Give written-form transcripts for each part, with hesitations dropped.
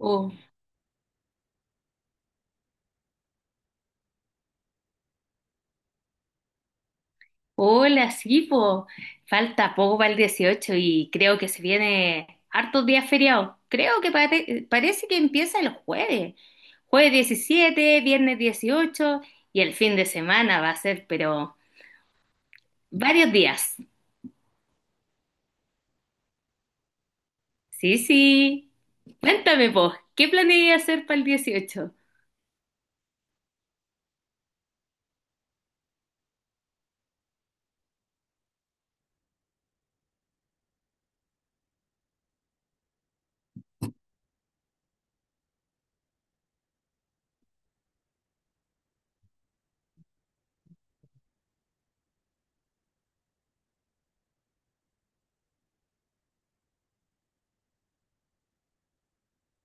Oh, hola, sí, po. Falta poco para el 18 y creo que se viene hartos días feriados. Creo que parece que empieza el jueves. Jueves 17, viernes 18 y el fin de semana va a ser, pero varios días. Sí, sí. Cuéntame, po, ¿qué planeas hacer para el 18?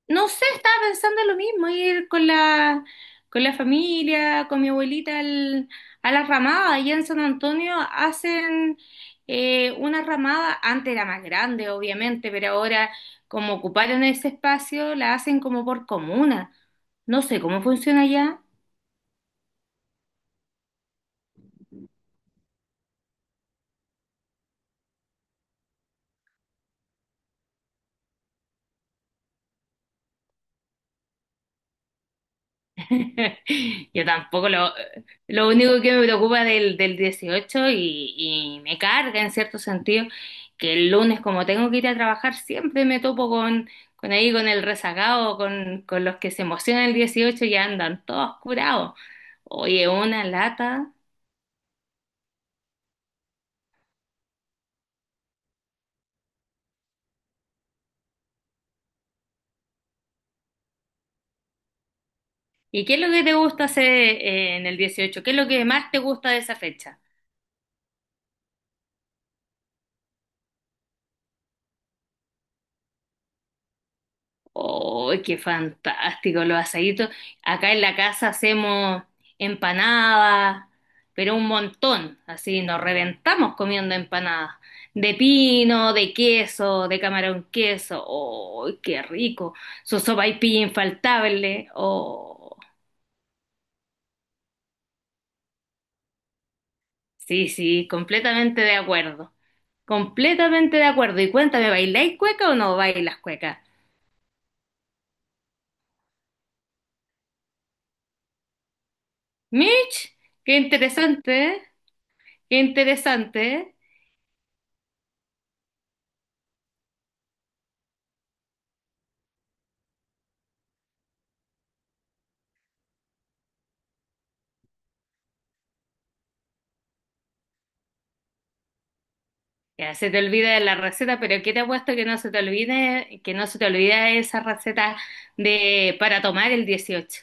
No sé, estaba pensando lo mismo, ir con con la familia, con mi a la ramada. Allá en San Antonio hacen una ramada, antes era más grande, obviamente, pero ahora como ocuparon ese espacio, la hacen como por comuna. No sé cómo funciona allá. Yo tampoco lo, lo único que me preocupa del 18 y me carga en cierto sentido que el lunes como tengo que ir a trabajar siempre me topo con ahí con el rezagado, con los que se emocionan el 18 y ya andan todos curados. Oye, una lata. ¿Y qué es lo que te gusta hacer en el dieciocho? ¿Qué es lo que más te gusta de esa fecha? ¡Oh, qué fantástico! Los asaditos. Acá en la casa hacemos empanadas, pero un montón. Así nos reventamos comiendo empanadas. De pino, de queso, de camarón queso. ¡Oh, qué rico! Su sopaipilla infaltable. ¡Oh! Sí, sí, completamente de acuerdo. Completamente de acuerdo. Y cuéntame, ¿bailáis cueca o no bailas cueca? Mitch, qué interesante, ¿eh? Qué interesante, ¿eh? Ya, se te olvida la receta, pero ¿qué te ha puesto que no se te olvide, que no se te olvida esa receta de para tomar el 18?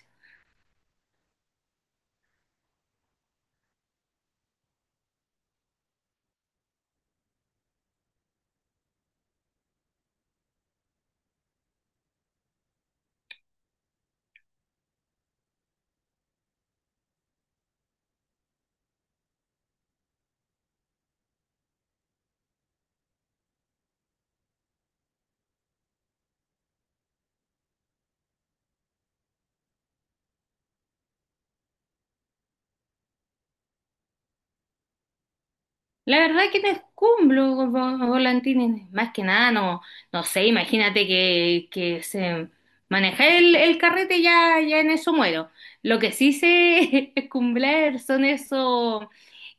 La verdad que no es cumplo, con volantines, más que nada, no, no sé, imagínate que se maneja el carrete ya, ya en eso muero. Lo que sí sé es cumplir son esos,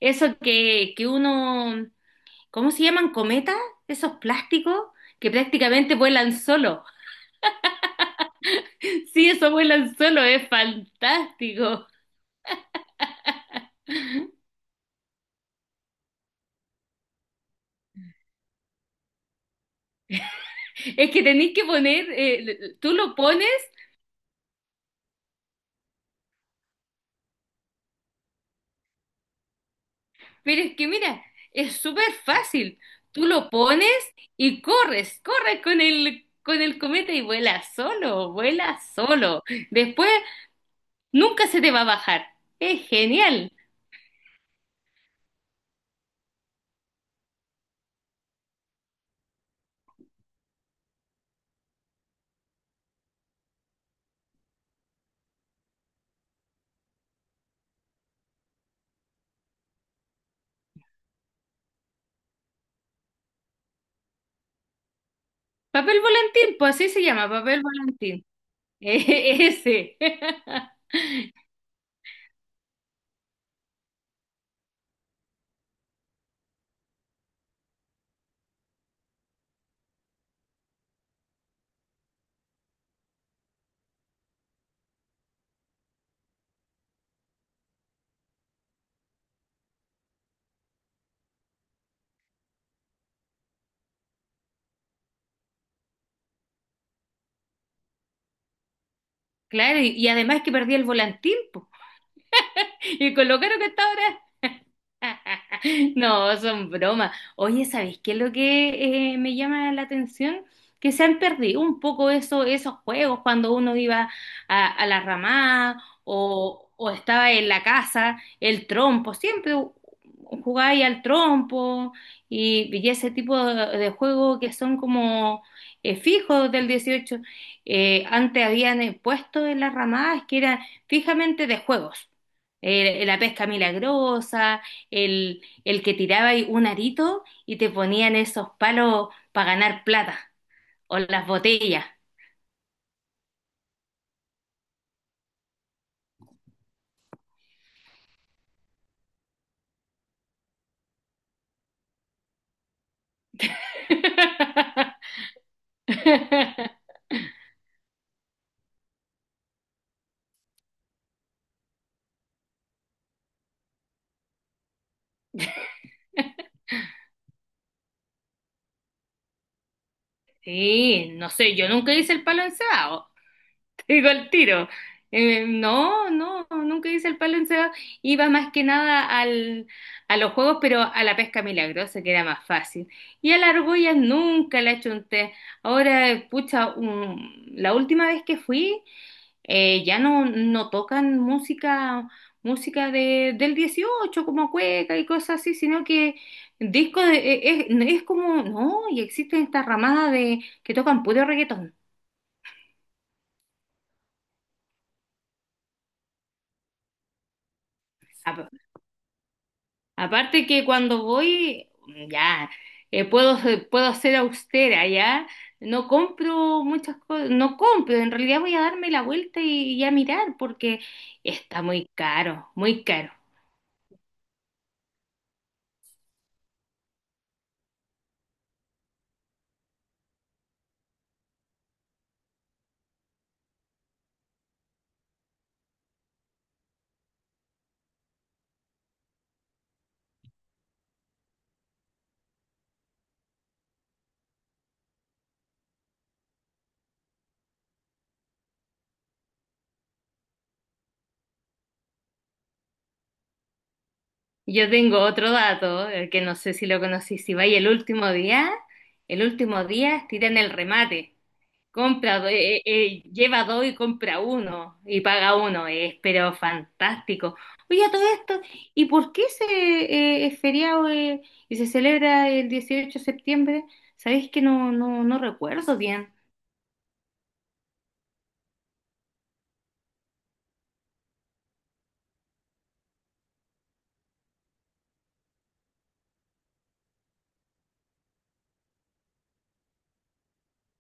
eso que uno, ¿cómo se llaman? ¿Cometas? Esos plásticos que prácticamente vuelan solo. Sí, eso vuelan solo, es fantástico. Es que tenéis que poner, tú lo pones, pero es que mira, es súper fácil. Tú lo pones y corres, corres con con el cometa y vuela solo, vuela solo. Después nunca se te va a bajar. Es genial. Papel volantín, pues así se llama, papel volantín. ese. Claro, y además que perdí el volantín, pues. Y con lo caro que está ahora. No, son bromas. Oye, ¿sabes qué es lo que me llama la atención? Que se han perdido un poco eso, esos juegos cuando uno iba a la ramada o estaba en la casa, el trompo, siempre jugaba ahí al trompo y ese tipo de juegos que son como fijos del 18. Antes habían puesto en las ramadas que eran fijamente de juegos. La pesca milagrosa el que tiraba ahí un arito y te ponían esos palos para ganar plata o las botellas. Sí, no sé, yo nunca hice el palo encebado, te digo el tiro. No, no, nunca hice el palo encebado. Iba más que nada a los juegos, pero a la pesca milagrosa, que era más fácil. Y a la argolla nunca la chunté. Ahora, pucha, la última vez que fui ya no, no tocan música, música del 18 como cueca y cosas así, sino que es como, no, y existen esta ramada de que tocan puro reggaetón. A- Aparte que cuando voy, mm, ya, puedo, puedo ser austera, ya, no compro muchas cosas, no compro, en realidad voy a darme la vuelta y a mirar porque está muy caro, muy caro. Yo tengo otro dato, que no sé si lo conocí, si vais el último día tiran el remate, compra, lleva dos y compra uno, y paga uno, es pero fantástico. Oye, a todo esto, ¿y por qué se es feriado y se celebra el 18 de septiembre? Sabéis que no, no, no recuerdo bien.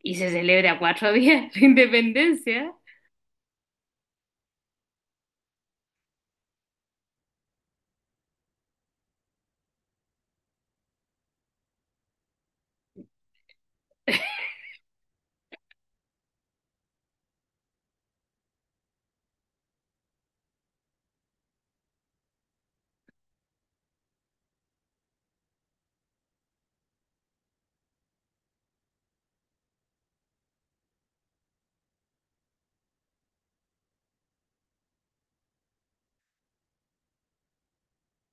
Y se celebra cuatro días la independencia.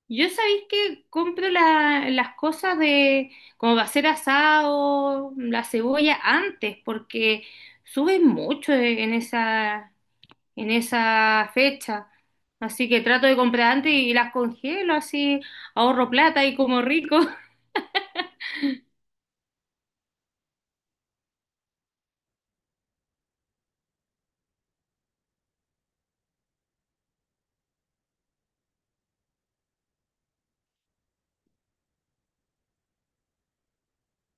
Yo sabéis que compro las cosas de como va a ser asado, la cebolla antes, porque suben mucho en esa fecha. Así que trato de comprar antes y las congelo, así ahorro plata y como rico.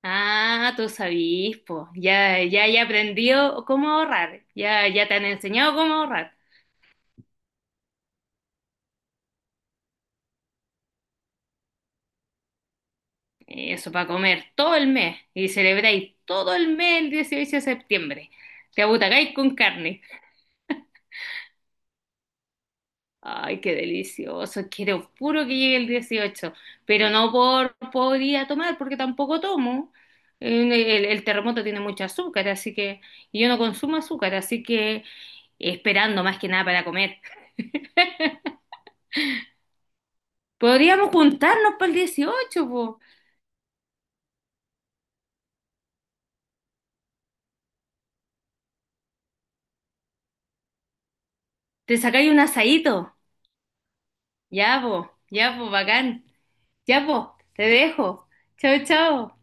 Ah, tú sabís, po. Ya, ya, ya aprendió cómo ahorrar. Ya, ya te han enseñado cómo ahorrar. Eso para comer todo el mes y celebráis todo el mes el 18 de septiembre. Te abutacáis con carne. Ay, qué delicioso. Quiero puro que llegue el 18 pero no por podría tomar porque tampoco tomo. El terremoto tiene mucho azúcar, así que y yo no consumo azúcar, así que esperando más que nada para comer. Podríamos juntarnos para el 18 po. Te sacáis un asadito. Ya, po. Ya, po, bacán. Ya, po, te dejo. Chao, chao.